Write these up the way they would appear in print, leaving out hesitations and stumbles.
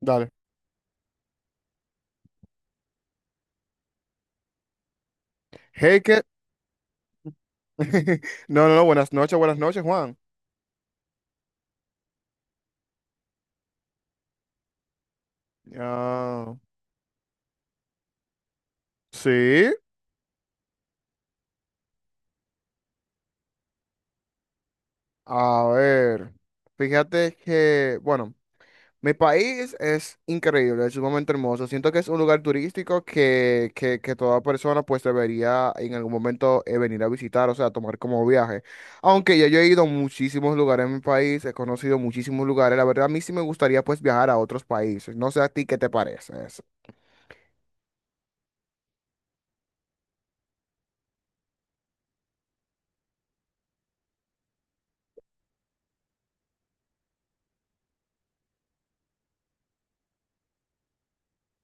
Dale. Hey, No, no, no, buenas noches, Juan. Ah, sí, a ver. Fíjate que, bueno, mi país es increíble, es sumamente hermoso. Siento que es un lugar turístico que toda persona pues debería en algún momento venir a visitar, o sea, tomar como viaje. Aunque ya yo he ido a muchísimos lugares en mi país, he conocido muchísimos lugares. La verdad, a mí sí me gustaría pues viajar a otros países. No sé a ti qué te parece eso.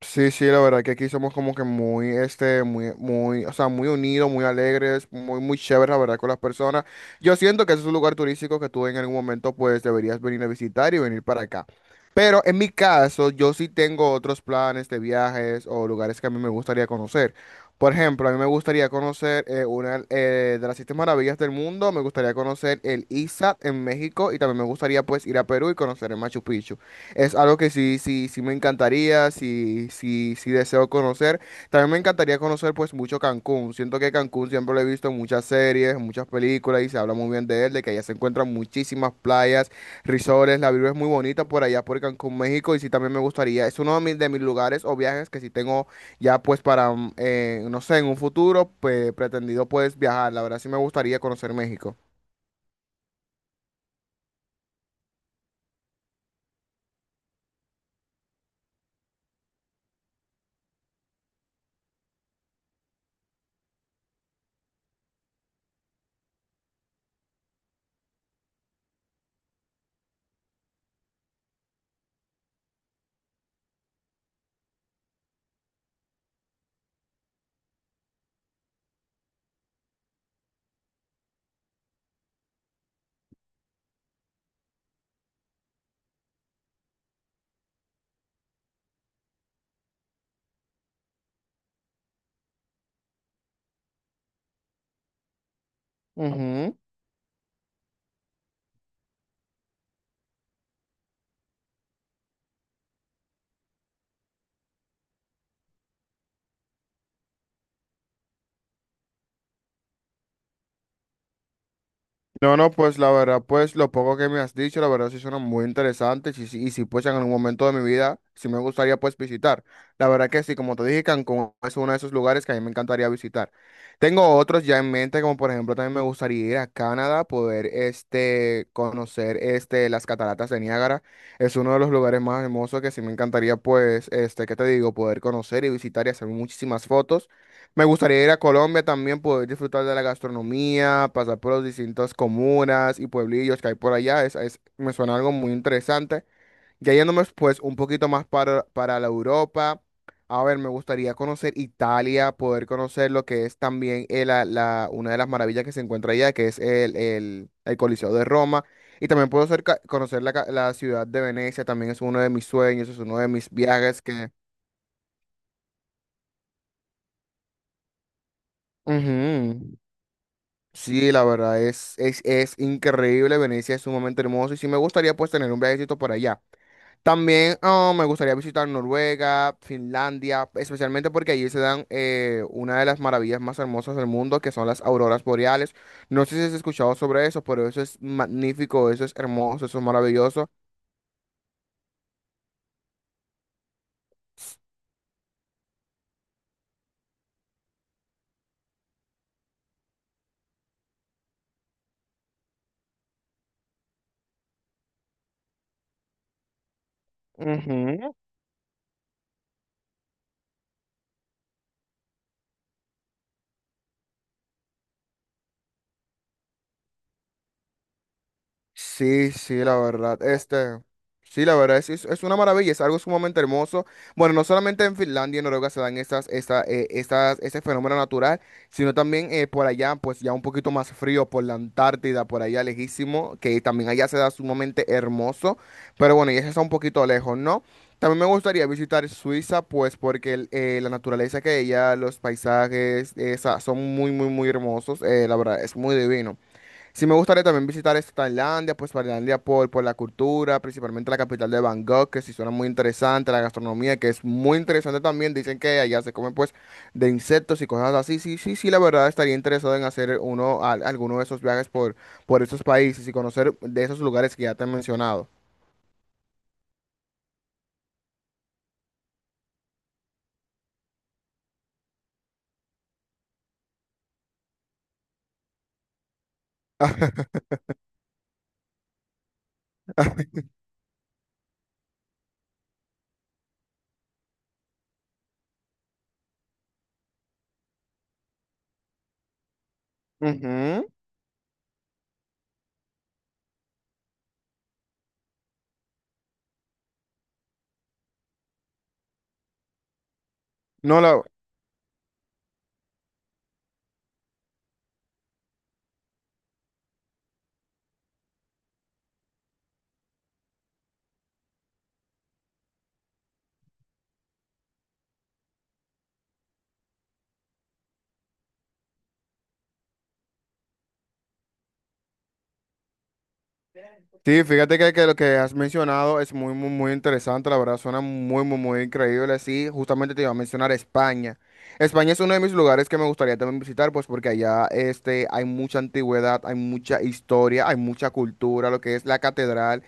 Sí, sí, la verdad que aquí somos como que muy, este, muy, muy, o sea, muy unidos, muy alegres, muy, muy chéveres, la verdad, con las personas. Yo siento que ese es un lugar turístico que tú en algún momento, pues, deberías venir a visitar y venir para acá. Pero en mi caso, yo sí tengo otros planes de viajes o lugares que a mí me gustaría conocer. Por ejemplo, a mí me gustaría conocer una de las siete maravillas del mundo, me gustaría conocer el ISAT en México y también me gustaría, pues, ir a Perú y conocer el Machu Picchu. Es algo que sí, sí, sí me encantaría, sí, sí, sí deseo conocer. También me encantaría conocer pues mucho Cancún. Siento que Cancún siempre lo he visto en muchas series, en muchas películas y se habla muy bien de él, de que allá se encuentran muchísimas playas, resorts, la vibra es muy bonita por allá por Cancún, México y sí también me gustaría. Es uno de de mis lugares o viajes que sí tengo ya pues para, no sé, en un futuro pues, pretendido pues viajar. La verdad sí me gustaría conocer México. Ujú. No, no, pues la verdad, pues lo poco que me has dicho, la verdad sí suena muy interesante y sí, y si pues en algún momento de mi vida sí me gustaría pues visitar. La verdad que sí, como te dije, Cancún es uno de esos lugares que a mí me encantaría visitar. Tengo otros ya en mente, como por ejemplo también me gustaría ir a Canadá, poder este, conocer este, las cataratas de Niágara. Es uno de los lugares más hermosos que sí me encantaría pues, este, ¿qué te digo? Poder conocer y visitar y hacer muchísimas fotos. Me gustaría ir a Colombia también, poder disfrutar de la gastronomía, pasar por las distintas comunas y pueblillos que hay por allá. Me suena algo muy interesante. Ya yéndonos pues un poquito más para, la Europa. A ver, me gustaría conocer Italia, poder conocer lo que es también una de las maravillas que se encuentra allá, que es el Coliseo de Roma. Y también puedo ser conocer la ciudad de Venecia, también es uno de mis sueños, es uno de mis viajes que... Ujú. Sí, la verdad es increíble, Venecia es sumamente hermoso y sí me gustaría pues tener un viajecito por allá. También ah, me gustaría visitar Noruega, Finlandia, especialmente porque allí se dan una de las maravillas más hermosas del mundo, que son las auroras boreales. No sé si has escuchado sobre eso, pero eso es magnífico, eso es hermoso, eso es maravilloso. Sí, sí, la verdad. Este, sí, la verdad, es una maravilla, es algo sumamente hermoso. Bueno, no solamente en Finlandia y Noruega se dan ese fenómeno natural, sino también por allá, pues ya un poquito más frío, por la Antártida, por allá lejísimo, que también allá se da sumamente hermoso. Pero bueno, y eso está un poquito lejos, ¿no? También me gustaría visitar Suiza, pues porque la naturaleza que hay allá, los paisajes, esa, son muy, muy, muy hermosos. La verdad, es muy divino. Sí, me gustaría también visitar esta Tailandia, pues Tailandia por la cultura, principalmente la capital de Bangkok, que sí suena muy interesante, la gastronomía, que es muy interesante también, dicen que allá se comen pues de insectos y cosas así, sí, sí, sí, la verdad estaría interesado en hacer uno, alguno de esos viajes por esos países y conocer de esos lugares que ya te he mencionado. Ujú. No, la, Sí, fíjate que lo que has mencionado es muy, muy, muy interesante, la verdad, suena muy, muy, muy increíble. Sí, justamente te iba a mencionar España. España es uno de mis lugares que me gustaría también visitar, pues porque allá este, hay mucha antigüedad, hay mucha historia, hay mucha cultura, lo que es la catedral.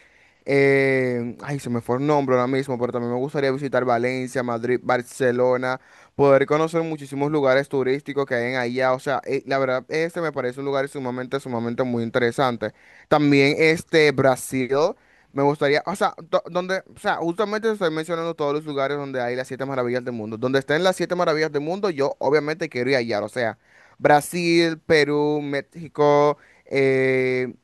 Ay, se me fue el nombre ahora mismo, pero también me gustaría visitar Valencia, Madrid, Barcelona, poder conocer muchísimos lugares turísticos que hay en allá. O sea, la verdad, este me parece un lugar sumamente, sumamente muy interesante. También este Brasil, me gustaría, o sea, donde, o sea, justamente estoy mencionando todos los lugares donde hay las siete maravillas del mundo. Donde estén las siete maravillas del mundo, yo obviamente quiero ir allá. O sea, Brasil, Perú, México, eh,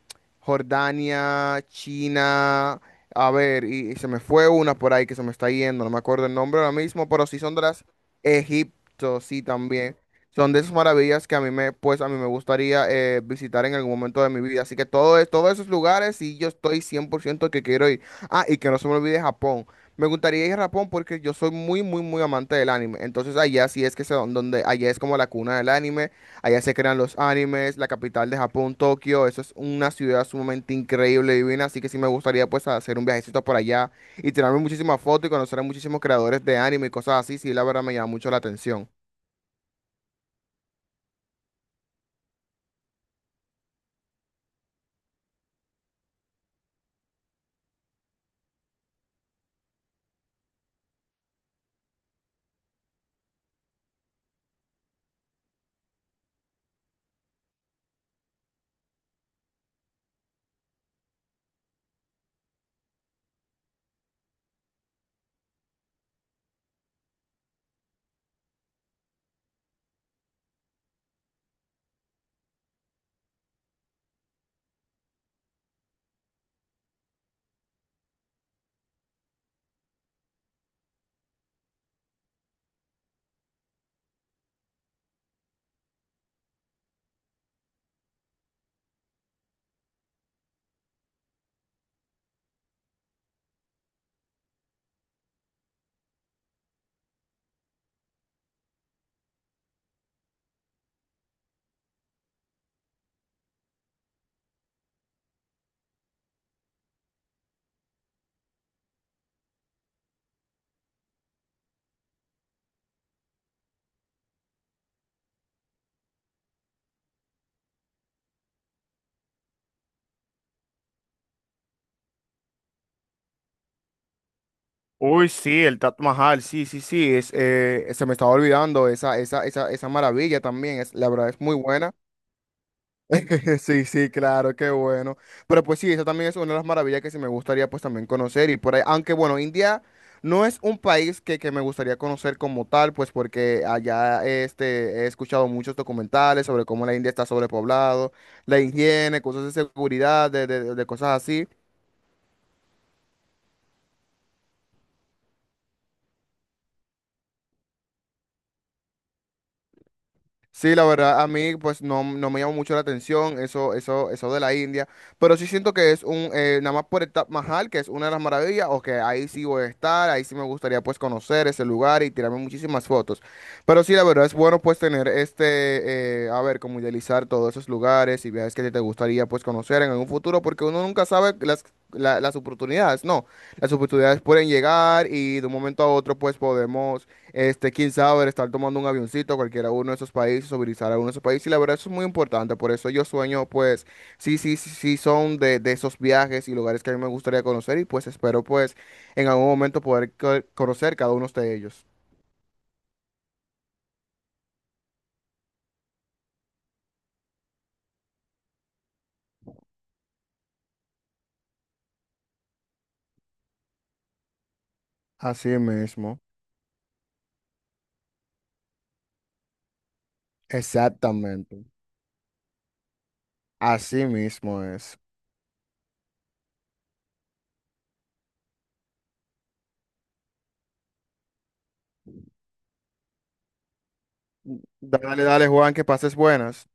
Jordania, China. A ver, y se me fue una por ahí que se me está yendo, no me acuerdo el nombre ahora mismo, pero sí son de las Egipto, sí también. Son de esas maravillas que pues a mí me gustaría visitar en algún momento de mi vida. Así que todo, todos esos lugares y yo estoy 100% que quiero ir. Ah, y que no se me olvide Japón. Me gustaría ir a Japón porque yo soy muy, muy, muy amante del anime. Entonces allá sí es que allá es como la cuna del anime. Allá se crean los animes, la capital de Japón, Tokio. Eso es una ciudad sumamente increíble, divina. Así que sí me gustaría pues hacer un viajecito por allá y tirarme muchísimas fotos y conocer a muchísimos creadores de anime y cosas así. Sí, la verdad me llama mucho la atención. Uy, sí, el Taj Mahal, sí, sí, sí, se me estaba olvidando esa maravilla también, la verdad es muy buena. Sí, sí, claro, qué bueno. Pero pues sí, esa también es una de las maravillas que sí me gustaría pues también conocer y por ahí, aunque bueno, India no es un país que me gustaría conocer como tal, pues porque allá este, he escuchado muchos documentales sobre cómo la India está sobrepoblado, la higiene, cosas de seguridad, de cosas así. Sí, la verdad, a mí pues no, no me llamó mucho la atención eso de la India, pero sí siento que es nada más por el Taj Mahal, que es una de las maravillas, o que ahí sí voy a estar, ahí sí me gustaría pues conocer ese lugar y tirarme muchísimas fotos. Pero sí, la verdad es bueno pues tener este, a ver, como idealizar todos esos lugares y viajes que te gustaría pues conocer en algún futuro, porque uno nunca sabe las, las oportunidades, no, las oportunidades pueden llegar y de un momento a otro pues podemos este, quién sabe, estar tomando un avioncito a cualquiera uno de esos países o visitar a uno de esos países. Y la verdad, eso es muy importante. Por eso yo sueño, pues, sí, sí, sí, sí son de esos viajes y lugares que a mí me gustaría conocer. Y pues espero, pues, en algún momento poder conocer cada uno de ellos. Así mismo. Exactamente. Así mismo es. Dale, dale, Juan, que pases buenas.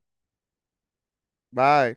Bye.